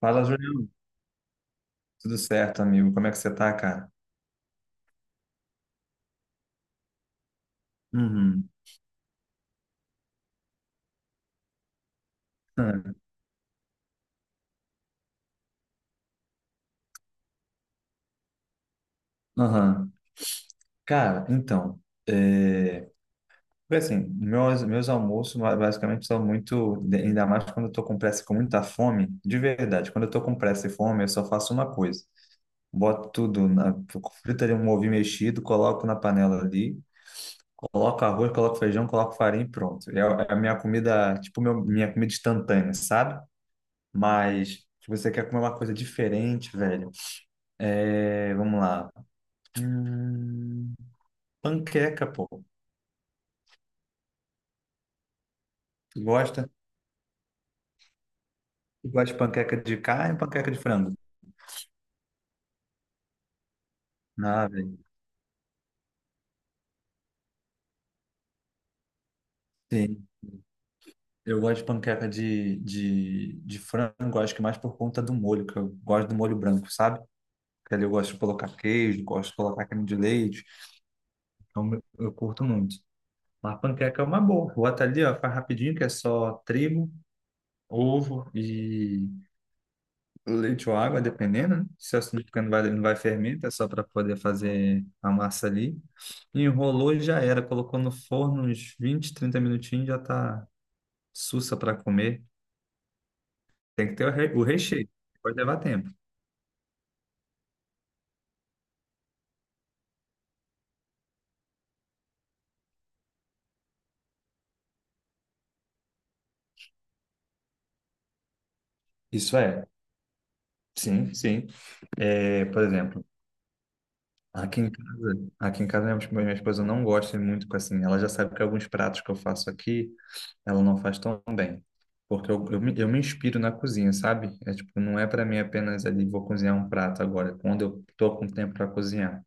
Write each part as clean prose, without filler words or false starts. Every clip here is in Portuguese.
Fala, Julião. Tudo certo, amigo? Como é que você tá, cara? Uhum. Ah. Aham. Cara, então, é... foi assim, meus almoços basicamente são muito, ainda mais quando eu tô com pressa e com muita fome, de verdade, quando eu tô com pressa e fome, eu só faço uma coisa, boto tudo, frito ali um ovo mexido, coloco na panela ali, coloco arroz, coloco feijão, coloco farinha e pronto. É, a é a minha comida, tipo, minha comida instantânea, sabe? Mas se você quer comer uma coisa diferente, velho, é, vamos lá. Hum, Panqueca, pô. Tu gosta? Tu gosta de panqueca de carne ou panqueca de frango? Ah, velho. Sim. Eu gosto de panqueca de frango, acho que mais por conta do molho, que eu gosto do molho branco, sabe? Porque ali eu gosto de colocar queijo, gosto de colocar creme de leite. Então eu curto muito. Mas panqueca é uma boa. Bota ali, ó, faz rapidinho, que é só trigo, ovo e leite ou água, dependendo, né? Se a açúcar porque não vai fermento, é só para poder fazer a massa ali. Enrolou e já era. Colocou no forno uns 20, 30 minutinhos, já tá sussa para comer. Tem que ter o recheio, pode levar tempo. Isso é. Sim, sim. É, por exemplo, aqui em casa minha esposa não gosta muito com assim. Ela já sabe que alguns pratos que eu faço aqui, ela não faz tão bem. Porque eu me inspiro na cozinha, sabe? É tipo, não é para mim apenas ali, vou cozinhar um prato agora, é quando eu tô com tempo para cozinhar.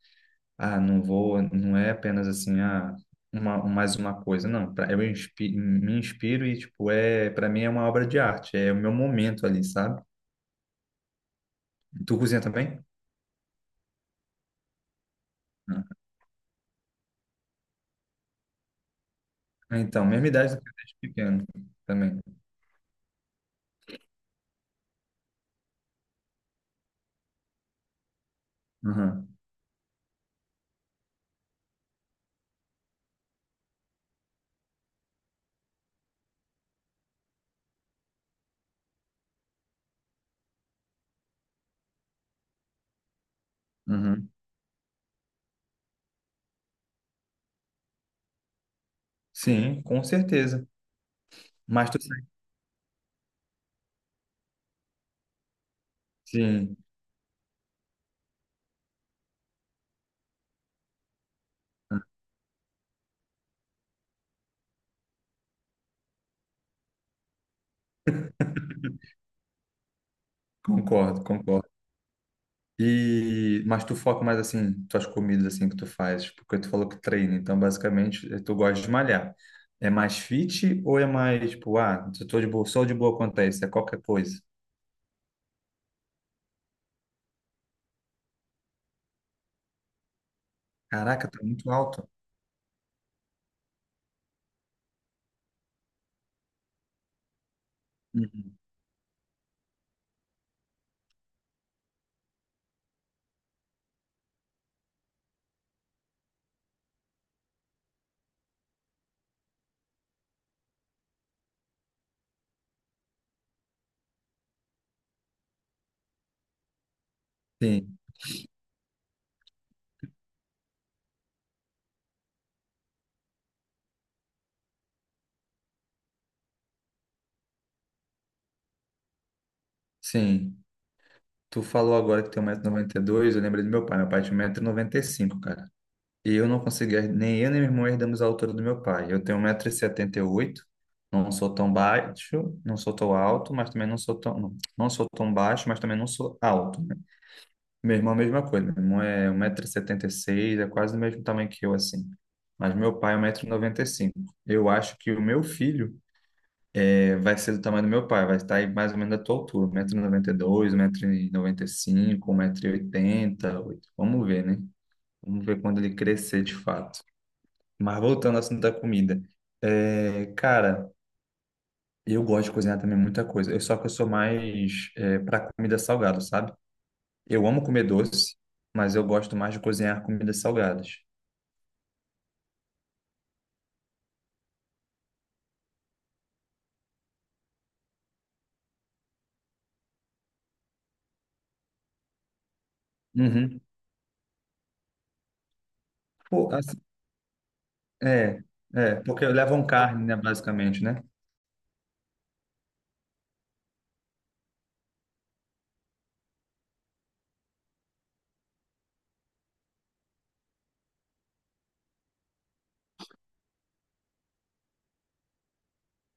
Ah, não vou, não é apenas assim, mais uma coisa, não. Me inspiro e, tipo, é, para mim é uma obra de arte, é o meu momento ali, sabe? Tu cozinha também? Ah, então, mesma idade do que eu desde pequeno também. Aham. Uhum. Sim, com certeza. Mas tu sai- sim, concordo, concordo. E mas tu foca mais assim, tuas comidas assim que tu faz, porque tu falou que treina, então basicamente tu gosta de malhar. É mais fit ou é mais tipo, eu tô de boa, só de boa quanto a isso, é qualquer coisa. Caraca, tá muito alto. Uhum. Sim, sim. Tu falou agora que tem 1,92 m, eu lembrei do meu pai tinha 1,95 m, cara. E eu não consegui, nem eu nem meu irmão herdamos a altura do meu pai. Eu tenho 1,78 m, não sou tão baixo, não sou tão alto, mas também não sou tão, não, não sou tão baixo, mas também não sou alto, né? Meu irmão, a mesma coisa, meu irmão é 1,76 m, é quase do mesmo tamanho que eu, assim. Mas meu pai é 1,95 m. Eu acho que o meu filho vai ser do tamanho do meu pai, vai estar aí mais ou menos da tua altura, metro noventa e dois, um metro e dois 1,92 m, 1,95 m, e m vamos ver, né? Vamos ver quando ele crescer de fato. Mas voltando ao assunto da comida, é, cara, eu gosto de cozinhar também muita coisa. Eu só que eu sou mais é, para comida salgada, sabe? Eu amo comer doce, mas eu gosto mais de cozinhar comidas salgadas. Uhum. Pô, assim, é, porque levam carne, né, basicamente, né?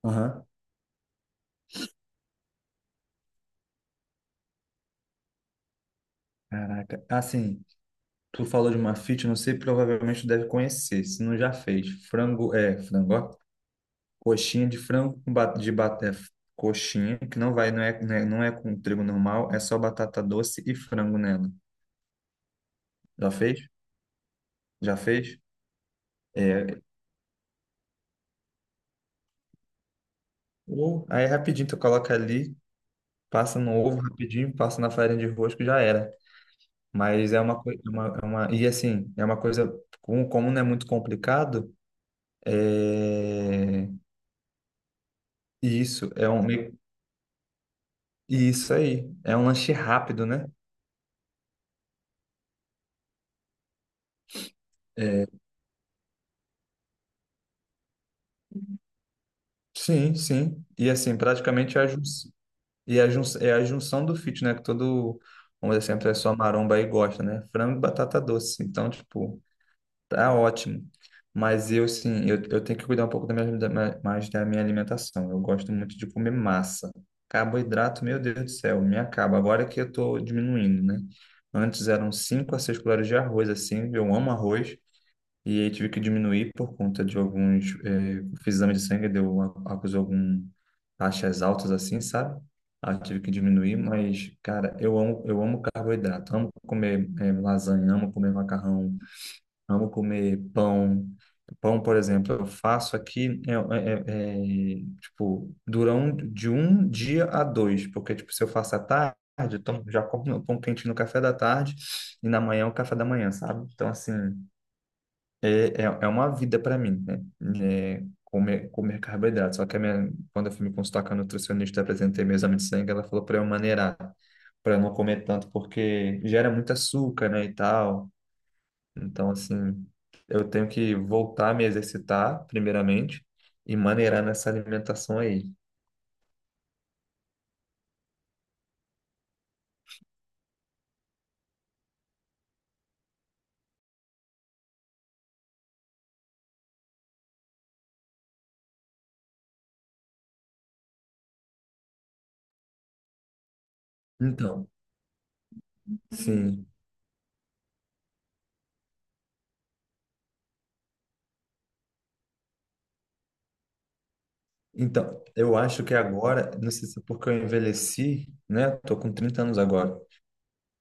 Aham. Caraca, assim, tu falou de uma fit, não sei, provavelmente tu deve conhecer, se não já fez. Frango, frango, ó. Coxinha de frango com ba- de ba- é, coxinha, que não vai, não é, não é, não é com trigo normal, é só batata doce e frango nela. Já fez? Já fez? É, ou aí é rapidinho tu coloca ali, passa no ovo rapidinho, passa na farinha de rosca e já era. Mas é uma coisa, e assim, é uma coisa, como não é muito complicado, é, e isso e isso aí, é um lanche rápido, né? É, sim, sim. E assim, praticamente é a, jun- E a jun- é a junção do fit, né? Que todo, vamos dizer assim, a pessoa maromba aí gosta, né? Frango e batata doce. Então, tipo, tá ótimo. Mas eu, sim, eu tenho que cuidar um pouco mais da minha alimentação. Eu gosto muito de comer massa. Carboidrato, meu Deus do céu, me acaba. Agora que eu tô diminuindo, né? Antes eram 5 a 6 colheres de arroz, assim. Eu amo arroz. E aí tive que diminuir por conta de alguns, fiz exame de sangue, deu, acusou algum taxas altas assim, sabe? Aí eu tive que diminuir, mas, cara, eu amo carboidrato, amo comer lasanha, amo comer macarrão, amo comer pão. Pão, por exemplo, eu faço aqui, tipo, dura de um dia a dois, porque, tipo, se eu faço à tarde, eu tomo, já como meu pão quente no café da tarde e na manhã é o café da manhã, sabe? Então, assim. É, é uma vida para mim, né? É, comer, comer carboidrato. Só que a minha, quando eu fui me consultar com a nutricionista, apresentei meu exame de sangue, ela falou para eu maneirar, para não comer tanto, porque gera muito açúcar, né, e tal. Então, assim, eu tenho que voltar a me exercitar, primeiramente, e maneirar nessa alimentação aí. Então, sim. Então, eu acho que agora, não sei se é porque eu envelheci, né? Tô com 30 anos agora.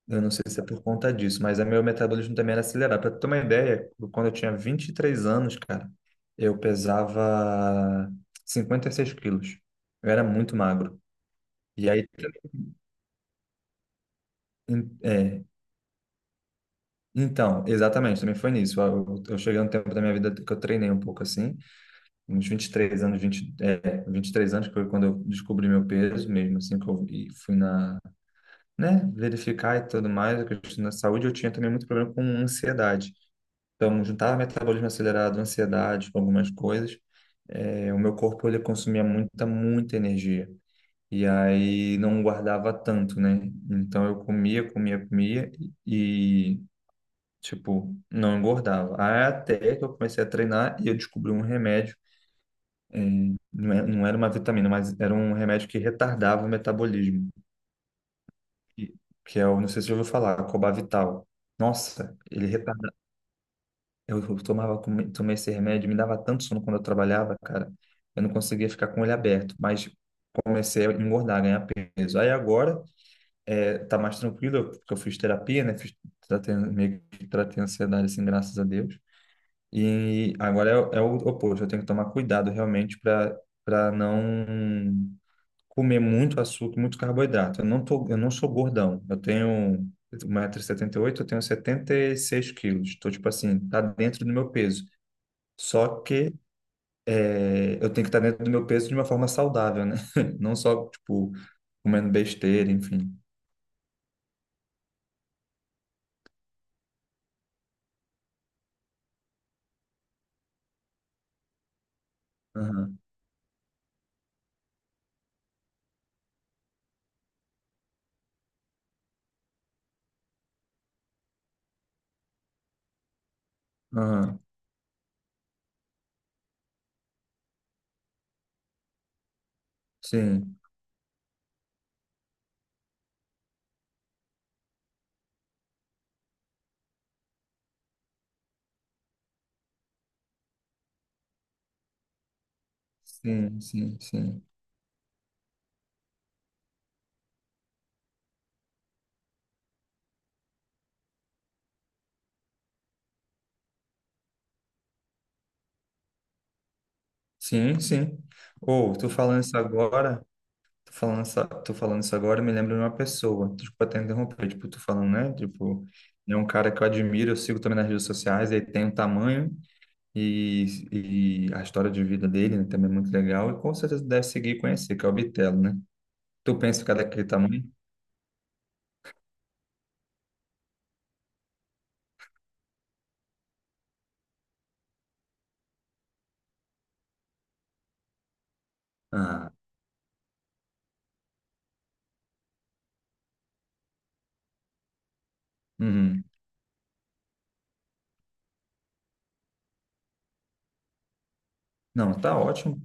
Eu não sei se é por conta disso, mas o meu metabolismo também era acelerado. Para ter uma ideia, quando eu tinha 23 anos, cara, eu pesava 56 quilos. Eu era muito magro. E aí, em- é, então, exatamente, também foi nisso. Eu cheguei a um tempo da minha vida que eu treinei um pouco assim, uns 23 anos, 23 anos, que foi quando eu descobri meu peso mesmo, assim, que eu fui na, né, verificar e tudo mais, a questão da saúde. Eu tinha também muito problema com ansiedade. Então, juntava metabolismo acelerado, ansiedade, com algumas coisas. É, o meu corpo ele consumia muita, muita energia. E aí não guardava tanto, né? Então eu comia, comia, comia e, tipo, não engordava. Aí até que eu comecei a treinar e eu descobri um remédio. É, não era uma vitamina, mas era um remédio que retardava o metabolismo. Que que é o, não sei se você já ouviu falar, Cobavital. Nossa, ele Eu tomava, tomei esse remédio, me dava tanto sono quando eu trabalhava, cara. Eu não conseguia ficar com ele aberto, mas comecei a engordar, ganhar peso. Aí agora tá mais tranquilo, porque eu fiz terapia, né? Fiz, tratei, meio que tratei a ansiedade, assim, graças a Deus. E agora é o oposto, eu tenho que tomar cuidado realmente para não comer muito açúcar, muito carboidrato. Eu não tô, eu não sou gordão, eu tenho 1,78 m, eu tenho 76 quilos. Estou, tipo assim, tá dentro do meu peso. Só que eu tenho que estar dentro do meu peso de uma forma saudável, né? Não só, tipo, comendo besteira, enfim. Aham, aham. Sim, sim, sim, sim. Sim, sim. Ou, tô falando isso agora, me lembro de uma pessoa. Desculpa até interromper, tipo, tô falando, né? Tipo, é um cara que eu admiro, eu sigo também nas redes sociais, ele tem um tamanho e a história de vida dele, né, também é muito legal, e com certeza deve seguir e conhecer, que é o Bitelo, né? Tu pensa em ficar daquele tamanho? Ah, uhum. Não, tá ótimo.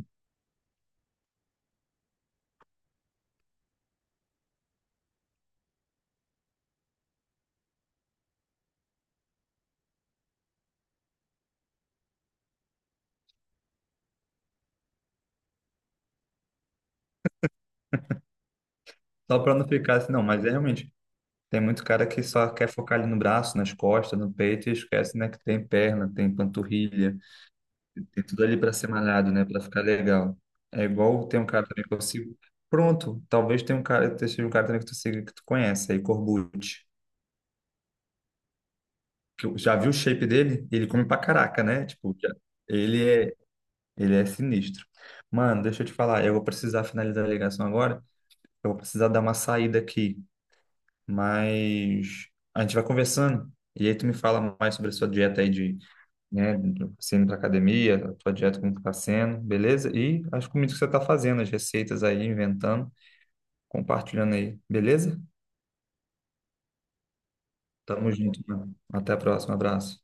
Só pra não ficar assim, não, mas é realmente. Tem muito cara que só quer focar ali no braço, nas costas, no peito e esquece, né, que tem perna, tem panturrilha, tem tudo ali pra ser malhado, né, pra ficar legal. É igual tem um cara também que eu sigo. Pronto, talvez tenha um cara, seja um cara também que tu siga que tu conhece, aí Corbucci. Já viu o shape dele? Ele come pra caraca, né? Tipo, ele é, ele é sinistro. Mano, deixa eu te falar, eu vou precisar finalizar a ligação agora. Eu vou precisar dar uma saída aqui, mas a gente vai conversando. E aí tu me fala mais sobre a sua dieta aí de, né, você indo pra academia, a tua dieta como que tá sendo, beleza? E as comidas que você tá fazendo, as receitas aí, inventando, compartilhando aí, beleza? Tamo junto, mano. Até a próxima, abraço.